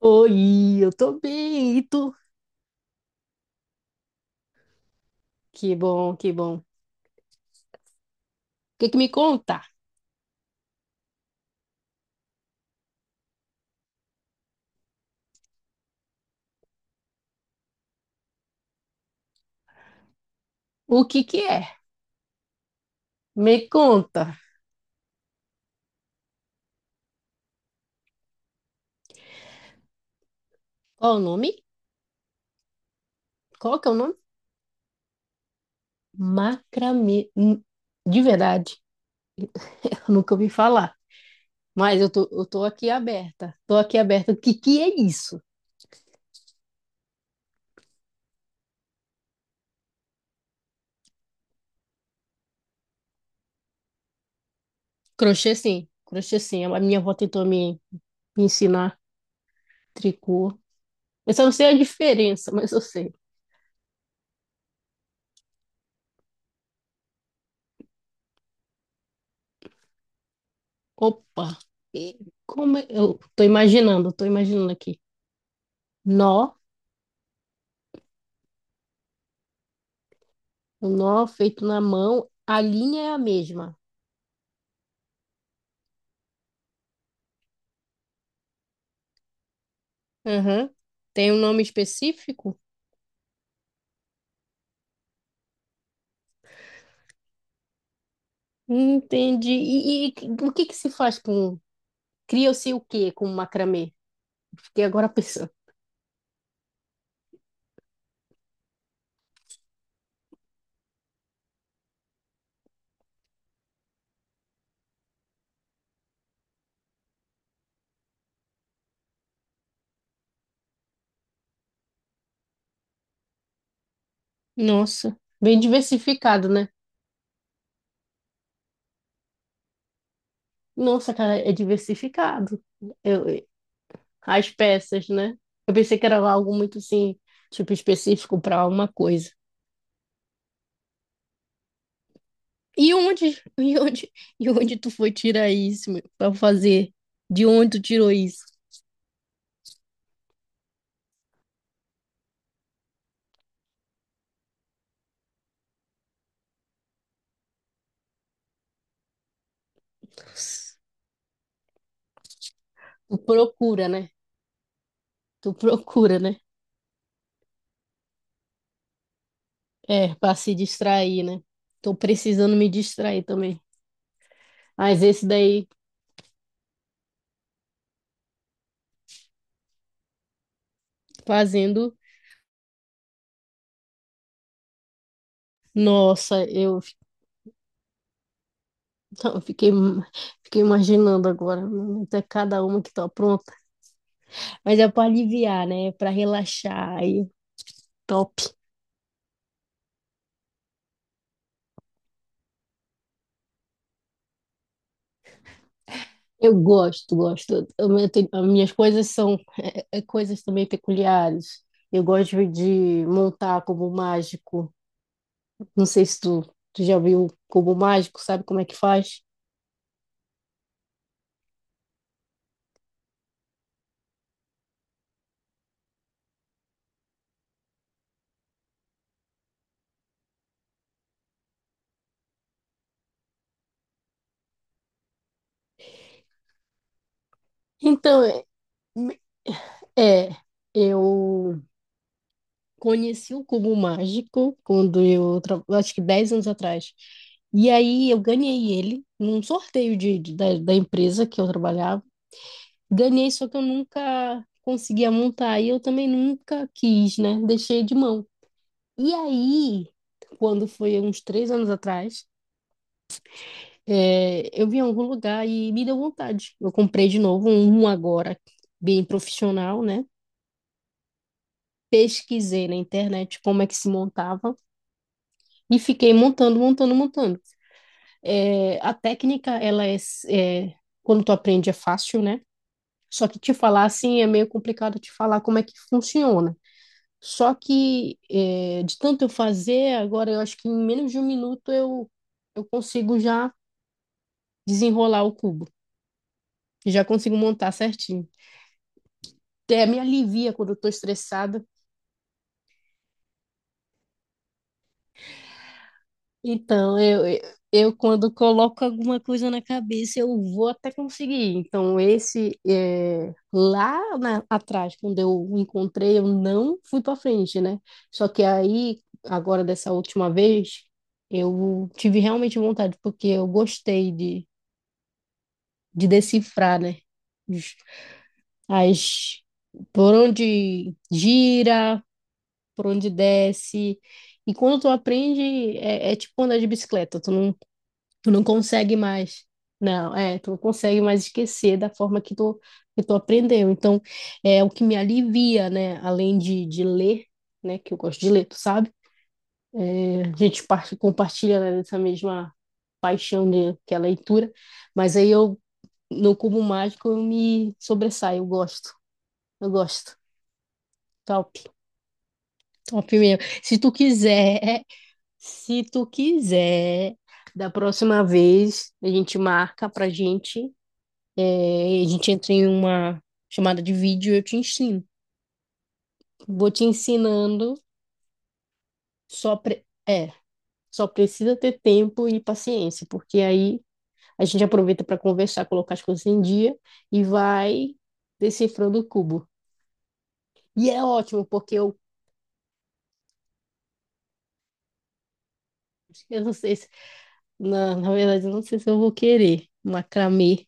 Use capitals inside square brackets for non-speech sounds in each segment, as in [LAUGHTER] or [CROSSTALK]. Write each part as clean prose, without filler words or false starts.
Oi, eu tô bem, e tu? Que bom, que bom. O que que me conta? O que que é? Me conta. Qual o nome? Qual que é o nome? Macramê. De verdade, [LAUGHS] eu nunca ouvi falar. Mas eu tô aqui aberta. Tô aqui aberta. O que que é isso? Crochê sim, crochê sim. A minha avó tentou me ensinar tricô. Eu só não sei a diferença, [LAUGHS] mas eu sei. Opa! E eu tô imaginando aqui. Nó. O nó feito na mão, a linha é a mesma. Aham. Tem um nome específico? Entendi. E o que que se faz com... Cria-se o quê com macramê? Fiquei agora pensando. Nossa. Bem diversificado, né? Nossa, cara, é diversificado. Eu, as peças, né? Eu pensei que era algo muito assim, tipo, específico para uma coisa. E onde, [LAUGHS] e onde tu foi tirar isso, meu? Pra fazer? De onde tu tirou isso? Nossa. Tu procura, né? Tu procura, né? É, pra se distrair, né? Tô precisando me distrair também. Mas esse daí fazendo, nossa, eu, [LAUGHS] eu fiquei imaginando agora, mano, até cada uma que tá pronta. Mas é pra aliviar, né? É pra relaxar, aí, top. Eu gosto, gosto. As minhas coisas são coisas também peculiares. Eu gosto de montar cubo mágico. Não sei se tu já viu cubo mágico, sabe como é que faz? Então, é, é, eu conheci o Cubo Mágico quando acho que 10 anos atrás. E aí eu ganhei ele num sorteio de, da empresa que eu trabalhava. Ganhei, só que eu nunca conseguia montar e eu também nunca quis, né? Deixei de mão. E aí, quando foi uns 3 anos atrás, eu vi em algum lugar e me deu vontade. Eu comprei de novo um agora, bem profissional, né? Pesquisei na internet como é que se montava e fiquei montando, montando, montando. É, a técnica, ela é, quando tu aprende é fácil, né? Só que te falar assim é meio complicado te falar como é que funciona. Só que é, de tanto eu fazer, agora eu acho que em menos de um minuto eu consigo já desenrolar o cubo. Já consigo montar certinho. Até me alivia quando eu tô estressada. Então, eu quando coloco alguma coisa na cabeça, eu vou até conseguir. Então, esse é, lá atrás, quando eu o encontrei, eu não fui para frente, né? Só que aí, agora dessa última vez, eu tive realmente vontade, porque eu gostei de decifrar, né? Os- As, por onde gira, por onde desce. E quando tu aprende, é tipo andar de bicicleta. Tu não consegue mais. Não, tu não consegue mais esquecer da forma que tu aprendeu. Então, é o que me alivia, né? Além de ler, né? Que eu gosto de ler, tu sabe? A gente compartilha, né, dessa mesma paixão que é a leitura. Mas aí no Cubo Mágico, eu me sobressaio, eu gosto. Eu gosto. Top, top mesmo. Se tu quiser, da próxima vez a gente marca pra gente. É, a gente entra em uma chamada de vídeo e eu te ensino. Vou te ensinando, só pre... é, só precisa ter tempo e paciência, porque aí a gente aproveita para conversar, colocar as coisas em dia e vai decifrando o cubo. E é ótimo, porque eu, [LAUGHS] eu não sei se, na verdade, eu não sei se eu vou querer macramê.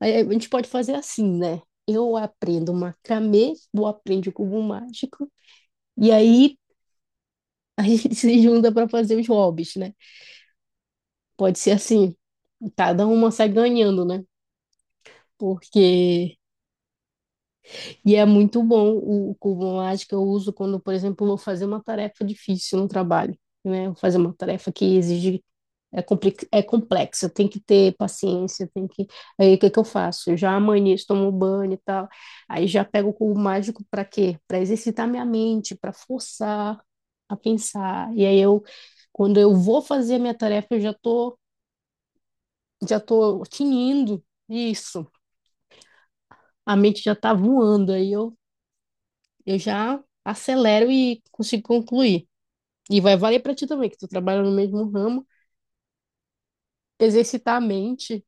Aí a gente pode fazer assim, né? Eu aprendo macramê, tu aprende o cubo mágico, e aí a gente [LAUGHS] se junta para fazer os hobbies, né? Pode ser assim. Cada uma sai ganhando, né? Porque. E é muito bom o cubo mágico. Eu uso quando, por exemplo, vou fazer uma tarefa difícil no trabalho, né? Vou fazer uma tarefa que exige. É complexa, tem que ter paciência, tem que. Aí o que que eu faço? Eu já amanheço, tomo banho e tal. Aí já pego o cubo mágico para quê? Para exercitar minha mente, para forçar a pensar. E aí eu, quando eu vou fazer a minha tarefa, eu já tô tinindo isso. A mente já tá voando, aí eu já acelero e consigo concluir. E vai valer para ti também, que tu trabalha no mesmo ramo, exercitar a mente,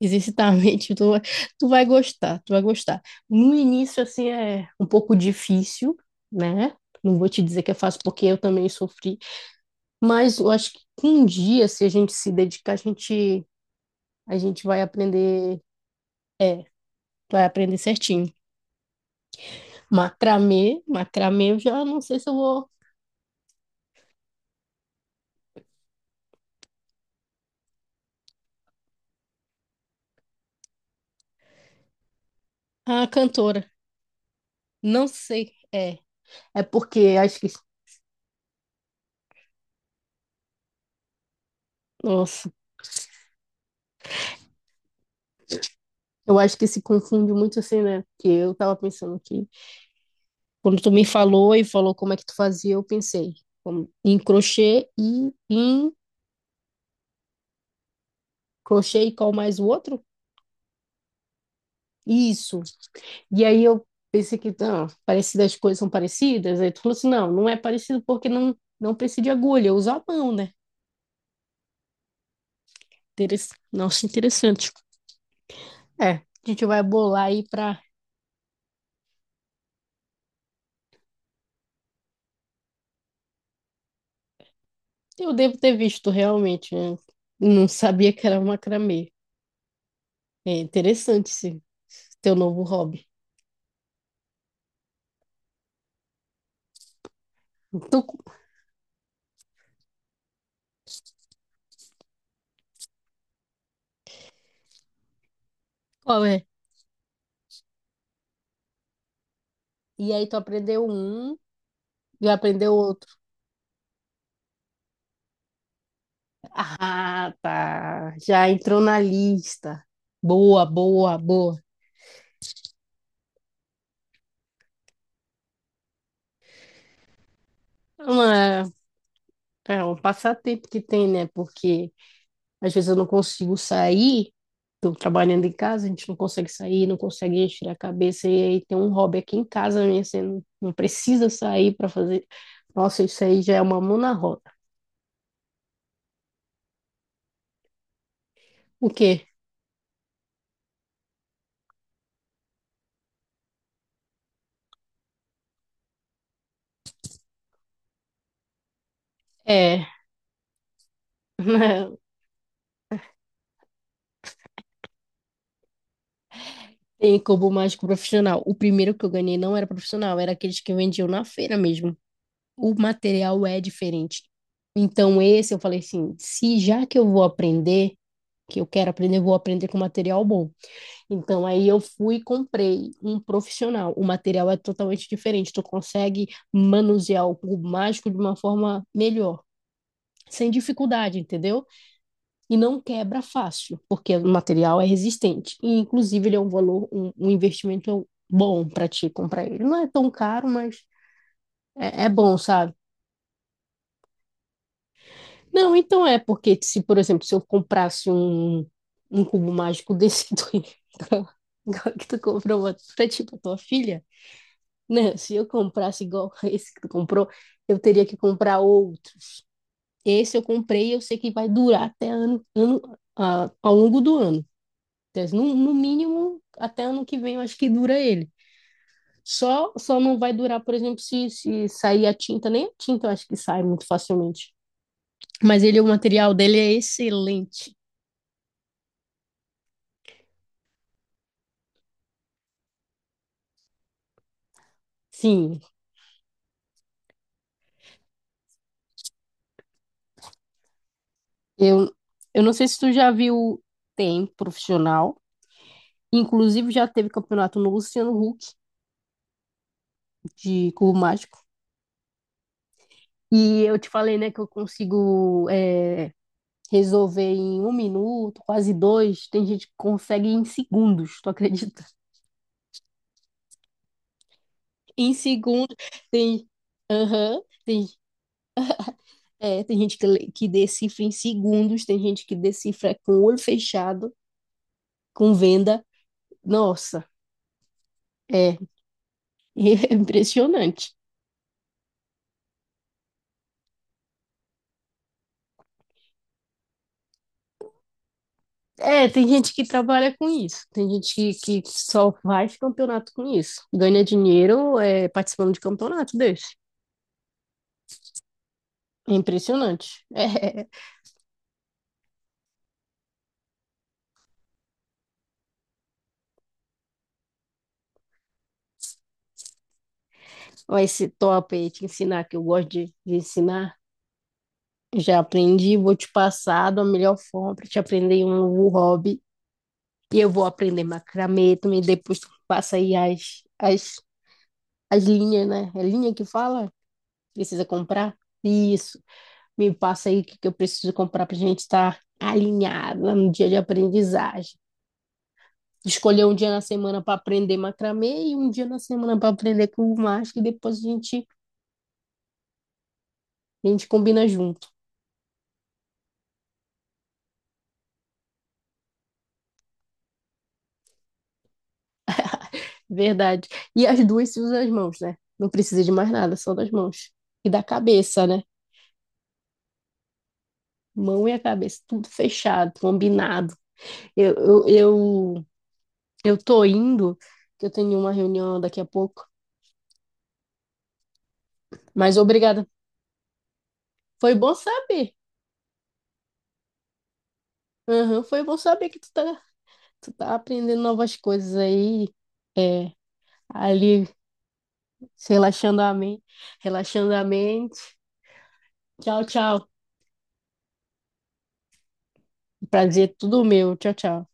exercitar a mente, tu vai gostar, tu vai gostar. No início, assim, é um pouco difícil, né? Não vou te dizer que é fácil, porque eu também sofri, mas eu acho que um dia, se a gente se dedicar, a gente vai aprender certinho. Macramê, macramê, eu já não sei se eu vou. A cantora. Não sei, é. É porque acho que. Nossa, eu acho que se confunde muito assim, né? Porque eu tava pensando que quando tu me falou e falou como é que tu fazia, eu pensei em crochê e qual mais o outro? Isso. E aí eu pensei que, não, parecidas as coisas são parecidas. Aí tu falou assim, não, não é parecido porque não, não precisa de agulha, eu uso a mão, né? Nossa, interessante. É, a gente vai bolar aí pra. Eu devo ter visto realmente, né? Não sabia que era macramê. É interessante esse teu novo hobby. Tu, Qual é? E aí tu aprendeu um, já aprendeu outro. Ah, tá. Já entrou na lista. Boa, boa, boa. É uma- é um passatempo que tem, né? Porque às vezes eu não consigo sair, estou trabalhando em casa, a gente não consegue sair, não consegue encher a cabeça, e aí tem um hobby aqui em casa, minha, você não, não precisa sair para fazer. Nossa, isso aí já é uma mão na roda. O quê? É, [LAUGHS] tem cubo mágico profissional. O primeiro que eu ganhei não era profissional, era aqueles que vendiam na feira mesmo. O material é diferente. Então, esse eu falei assim: se já que eu vou aprender, que eu quero aprender, eu vou aprender com material bom. Então, aí eu fui e comprei um profissional. O material é totalmente diferente. Tu consegue manusear o cubo mágico de uma forma melhor, sem dificuldade, entendeu? E não quebra fácil, porque o material é resistente. E, inclusive, ele é um valor, um investimento bom para ti comprar ele. Não é tão caro, mas é bom, sabe? Não, então é porque se, por exemplo, se eu comprasse um, cubo mágico desse [LAUGHS] do que tu comprou pra, ti, pra tipo, tua filha. Não, [LAUGHS] se eu comprasse igual [LAUGHS] esse que tu comprou, eu teria que comprar outro. Esse eu comprei, eu sei que vai durar até ano, ano a- ao longo do ano. Então, no mínimo, até ano que vem, eu acho que dura ele. Só não vai durar, por exemplo, se sair a tinta, nem a tinta eu acho que sai muito facilmente. Mas ele, o material dele é excelente. Sim, eu, eu não sei se tu já viu, tem profissional. Inclusive já teve campeonato no Luciano Huck de cubo mágico. E eu te falei, né, que eu consigo resolver em um minuto, quase dois. Tem gente que consegue em segundos, tu acredita? [LAUGHS] Em segundos. Tem. Aham. Tem gente que decifra em segundos, tem gente que decifra com o olho fechado, com venda. Nossa, é, [LAUGHS] é impressionante. É, tem gente que trabalha com isso, tem gente que só faz campeonato com isso, ganha dinheiro participando de campeonato desse. Impressionante. [LAUGHS] É, ó, esse top aí, te ensinar, que eu gosto de ensinar. Já aprendi, vou te passar da melhor forma para te aprender um novo hobby. E eu vou aprender macramê também, depois tu passa aí as, as, linhas, né? É linha que fala? Precisa comprar? Isso. Me passa aí o que, que eu preciso comprar pra gente estar alinhada no dia de aprendizagem. Escolher um dia na semana para aprender macramê e um dia na semana para aprender com o macho, e depois a gente combina junto. Verdade. E as duas se usam as mãos, né? Não precisa de mais nada, só das mãos. E da cabeça, né? Mão e a cabeça, tudo fechado, combinado. Eu, eu, eu, eu tô indo, que eu tenho uma reunião daqui a pouco. Mas obrigada. Foi bom saber. Aham, foi bom saber que tu tá aprendendo novas coisas aí. É, ali, se relaxando a mente. Relaxando a mente. Tchau, tchau. Prazer, tudo meu. Tchau, tchau.